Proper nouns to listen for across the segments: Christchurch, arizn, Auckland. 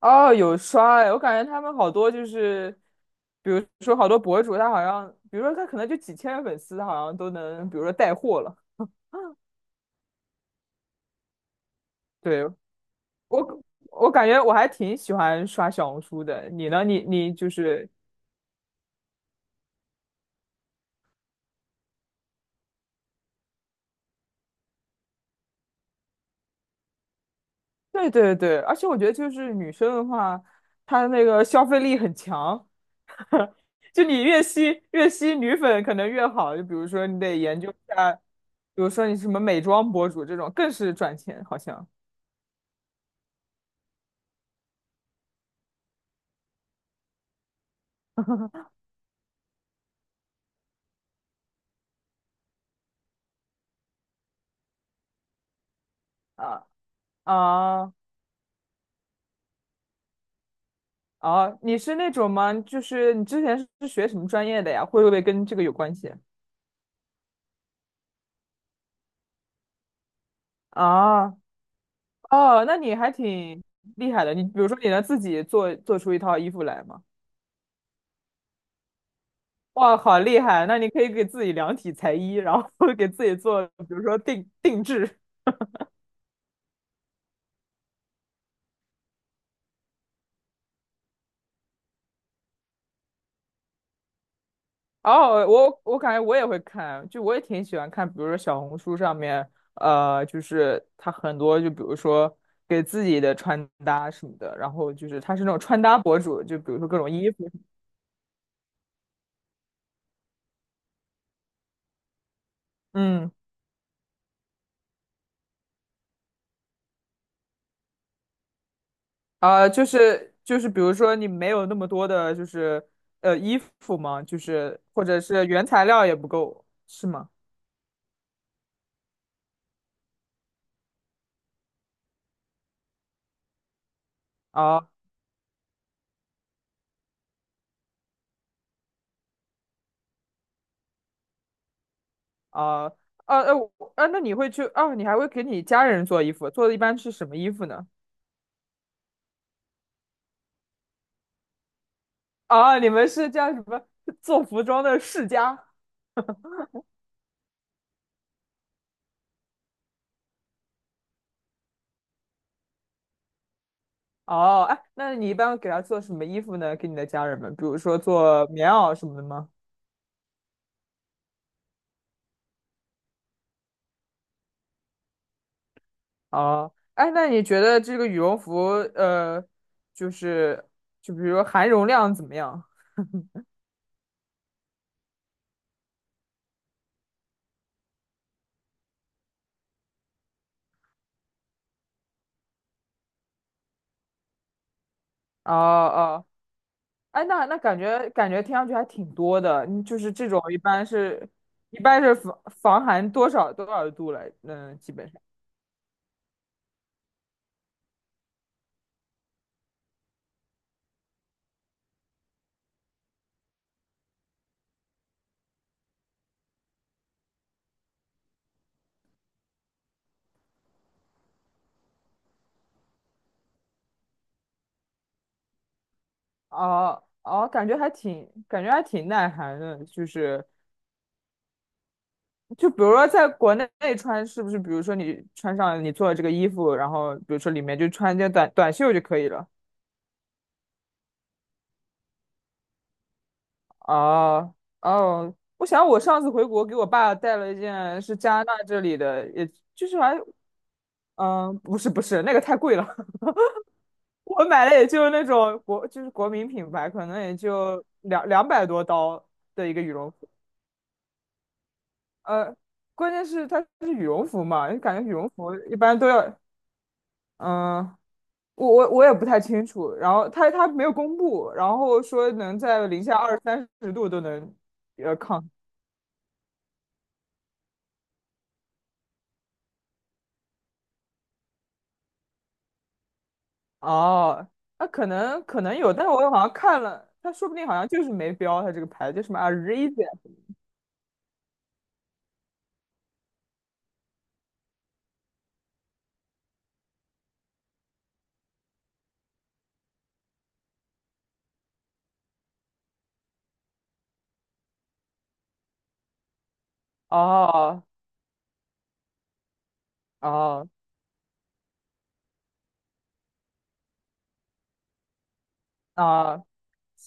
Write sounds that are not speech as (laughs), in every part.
哦，有刷哎，我感觉他们好多比如说好多博主，他好像，比如说他可能就几千个粉丝，他好像都能，比如说带货了。对，我，我感觉我还挺喜欢刷小红书的。你呢？你就是，对对对，而且我觉得就是女生的话，她那个消费力很强。就你越吸女粉可能越好。就比如说你得研究一下，比如说你什么美妆博主这种，更是赚钱，好像 (laughs) 啊啊。哦，你是那种吗？就是你之前是学什么专业的呀？会不会跟这个有关系？啊，哦，那你还挺厉害的。你比如说，你能自己做出一套衣服来吗？哇，好厉害！那你可以给自己量体裁衣，然后 (laughs) 给自己做，比如说定制。哦，我感觉我也会看，就我也挺喜欢看，比如说小红书上面，就是他很多，就比如说给自己的穿搭什么的，然后就是他是那种穿搭博主，就比如说各种衣服，嗯。啊、就是,比如说你没有那么多的，就是衣服吗？就是或者是原材料也不够，是吗？啊啊啊。呃我啊，那你会去啊？你还会给你家人做衣服，做的一般是什么衣服呢？啊，你们是叫什么做服装的世家？哦，哎，那你一般给他做什么衣服呢？给你的家人们，比如说做棉袄什么的吗？哦，哎，那你觉得这个羽绒服，呃，就是就比如说含绒量怎么样？哦哦，哎，那那感觉感觉听上去还挺多的，嗯就是这种一般是防寒多少多少度来，嗯，基本上。哦哦，感觉还挺耐寒的，就是就比如说在国内穿，是不是？比如说你穿上你做的这个衣服，然后比如说里面就穿一件短袖就可以了。哦哦，我想我上次回国给我爸带了一件是加拿大这里的，也就是还嗯、不是那个太贵了。我买的也就那种国，就是国民品牌，可能也就两百多刀的一个羽绒服。呃，关键是它是羽绒服嘛，感觉羽绒服一般都要，嗯、我也不太清楚。然后它没有公布，然后说能在零下二三十度都能抗。哦，那、可能有，但是我好像看了，它说不定好像就是没标，它这个牌子叫什么 ARIZN 哦哦哦。啊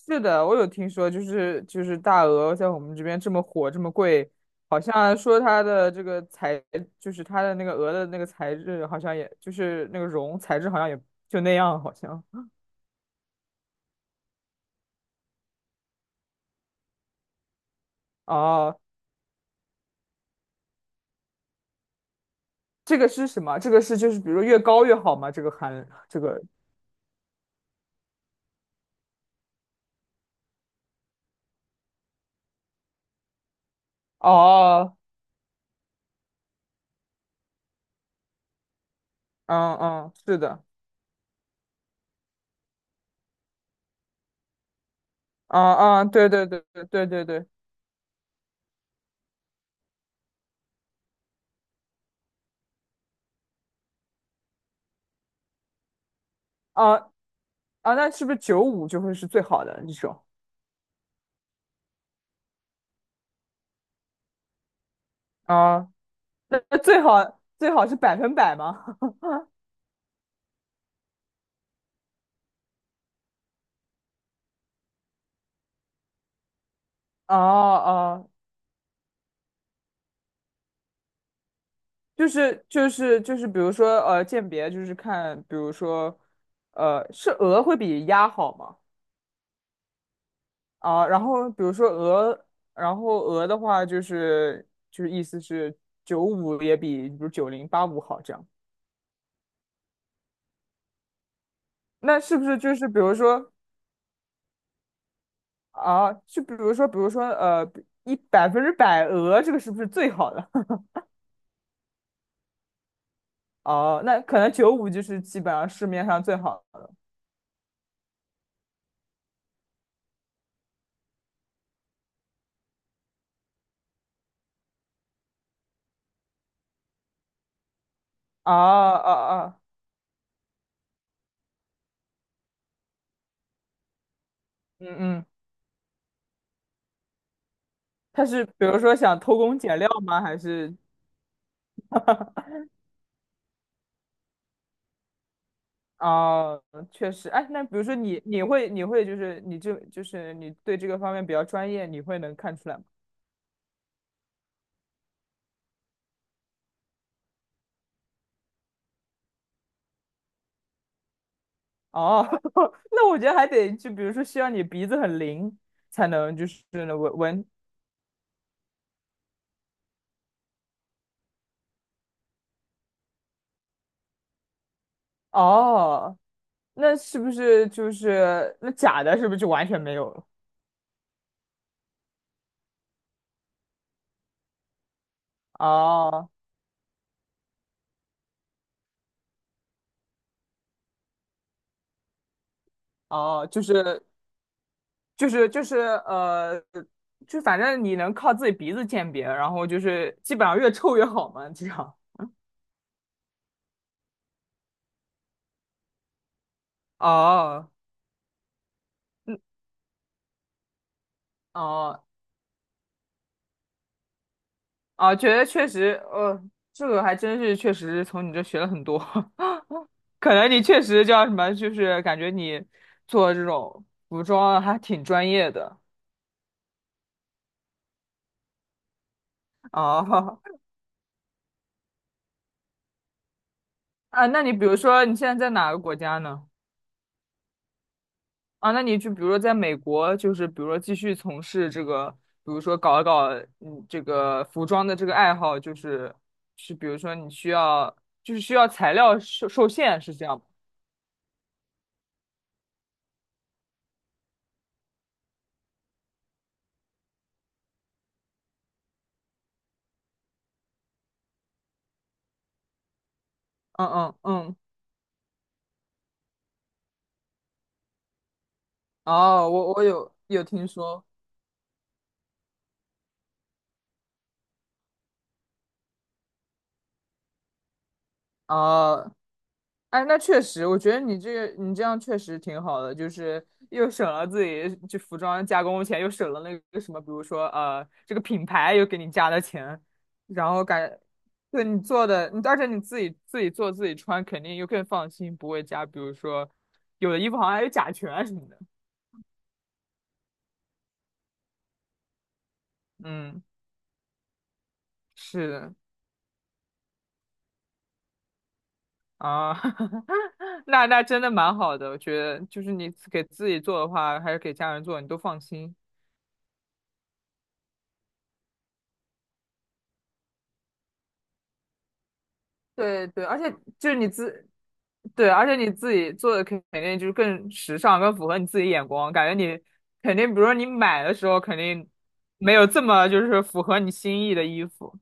是的，我有听说，就是大鹅在我们这边这么火，这么贵，好像说它的这个材，就是它的那个鹅的那个材质，好像也就是那个绒材质，好像也就那样，好像。哦，这个是什么？这个是就是比如说越高越好吗？这个含这个哦，嗯，是的，啊啊，对对对对对对对，啊啊，那是不是九五就会是最好的一种？啊，那最好是100%吗？(laughs) 哦哦比如说鉴别就是看，比如说是鹅会比鸭好吗？啊，然后比如说鹅，然后鹅的话就是意思是九五也比如九零八五好这样。那是不是就是比如说啊，就比如说100%鹅这个是不是最好的？(laughs) 哦，那可能九五就是基本上市面上最好的。啊啊啊！嗯嗯，他是比如说想偷工减料吗？还是哦，确实，哎，那比如说你，你会，你会，就是就是你对这个方面比较专业，你会能看出来吗？哦，(laughs) 那我觉得还得就比如说需要你鼻子很灵才能就是能闻闻。哦，那是不是就是那假的，是不是就完全没有了？哦哦，就是呃，就反正你能靠自己鼻子鉴别，然后就是基本上越臭越好嘛，这样。哦。嗯，哦，啊，觉得确实，这个还真是确实从你这学了很多。(laughs) 可能你确实叫什么，就是感觉你做这种服装还挺专业的哦。(laughs) 啊，那你比如说你现在在哪个国家呢？啊，那你就比如说在美国，就是比如说继续从事这个，比如说搞一搞这个服装的这个爱好，就是是比如说你需要就是需要材料受限，是这样吗？嗯嗯嗯，哦，我有听说。哦，哎，那确实，我觉得你这样确实挺好的，就是又省了自己就服装加工钱，又省了那个什么，比如说这个品牌又给你加的钱，然后感，对你做的，你而且你自己做自己穿，肯定又更放心，不会加，比如说有的衣服好像还有甲醛啊什么的。嗯，是的啊，(laughs) 那真的蛮好的，我觉得就是你给自己做的话，还是给家人做，你都放心。对对，而且就是你自，对，而且你自己做的肯定就是更时尚，更符合你自己眼光，感觉你肯定，比如说你买的时候肯定没有这么就是符合你心意的衣服。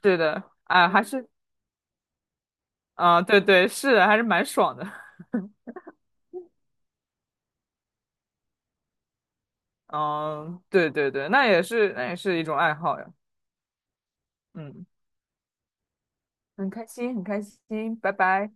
对的，啊，啊，对对，是的，还是蛮爽的。(laughs) 嗯，对对对，那也是，那也是一种爱好呀。嗯，很开心，很开心，拜拜。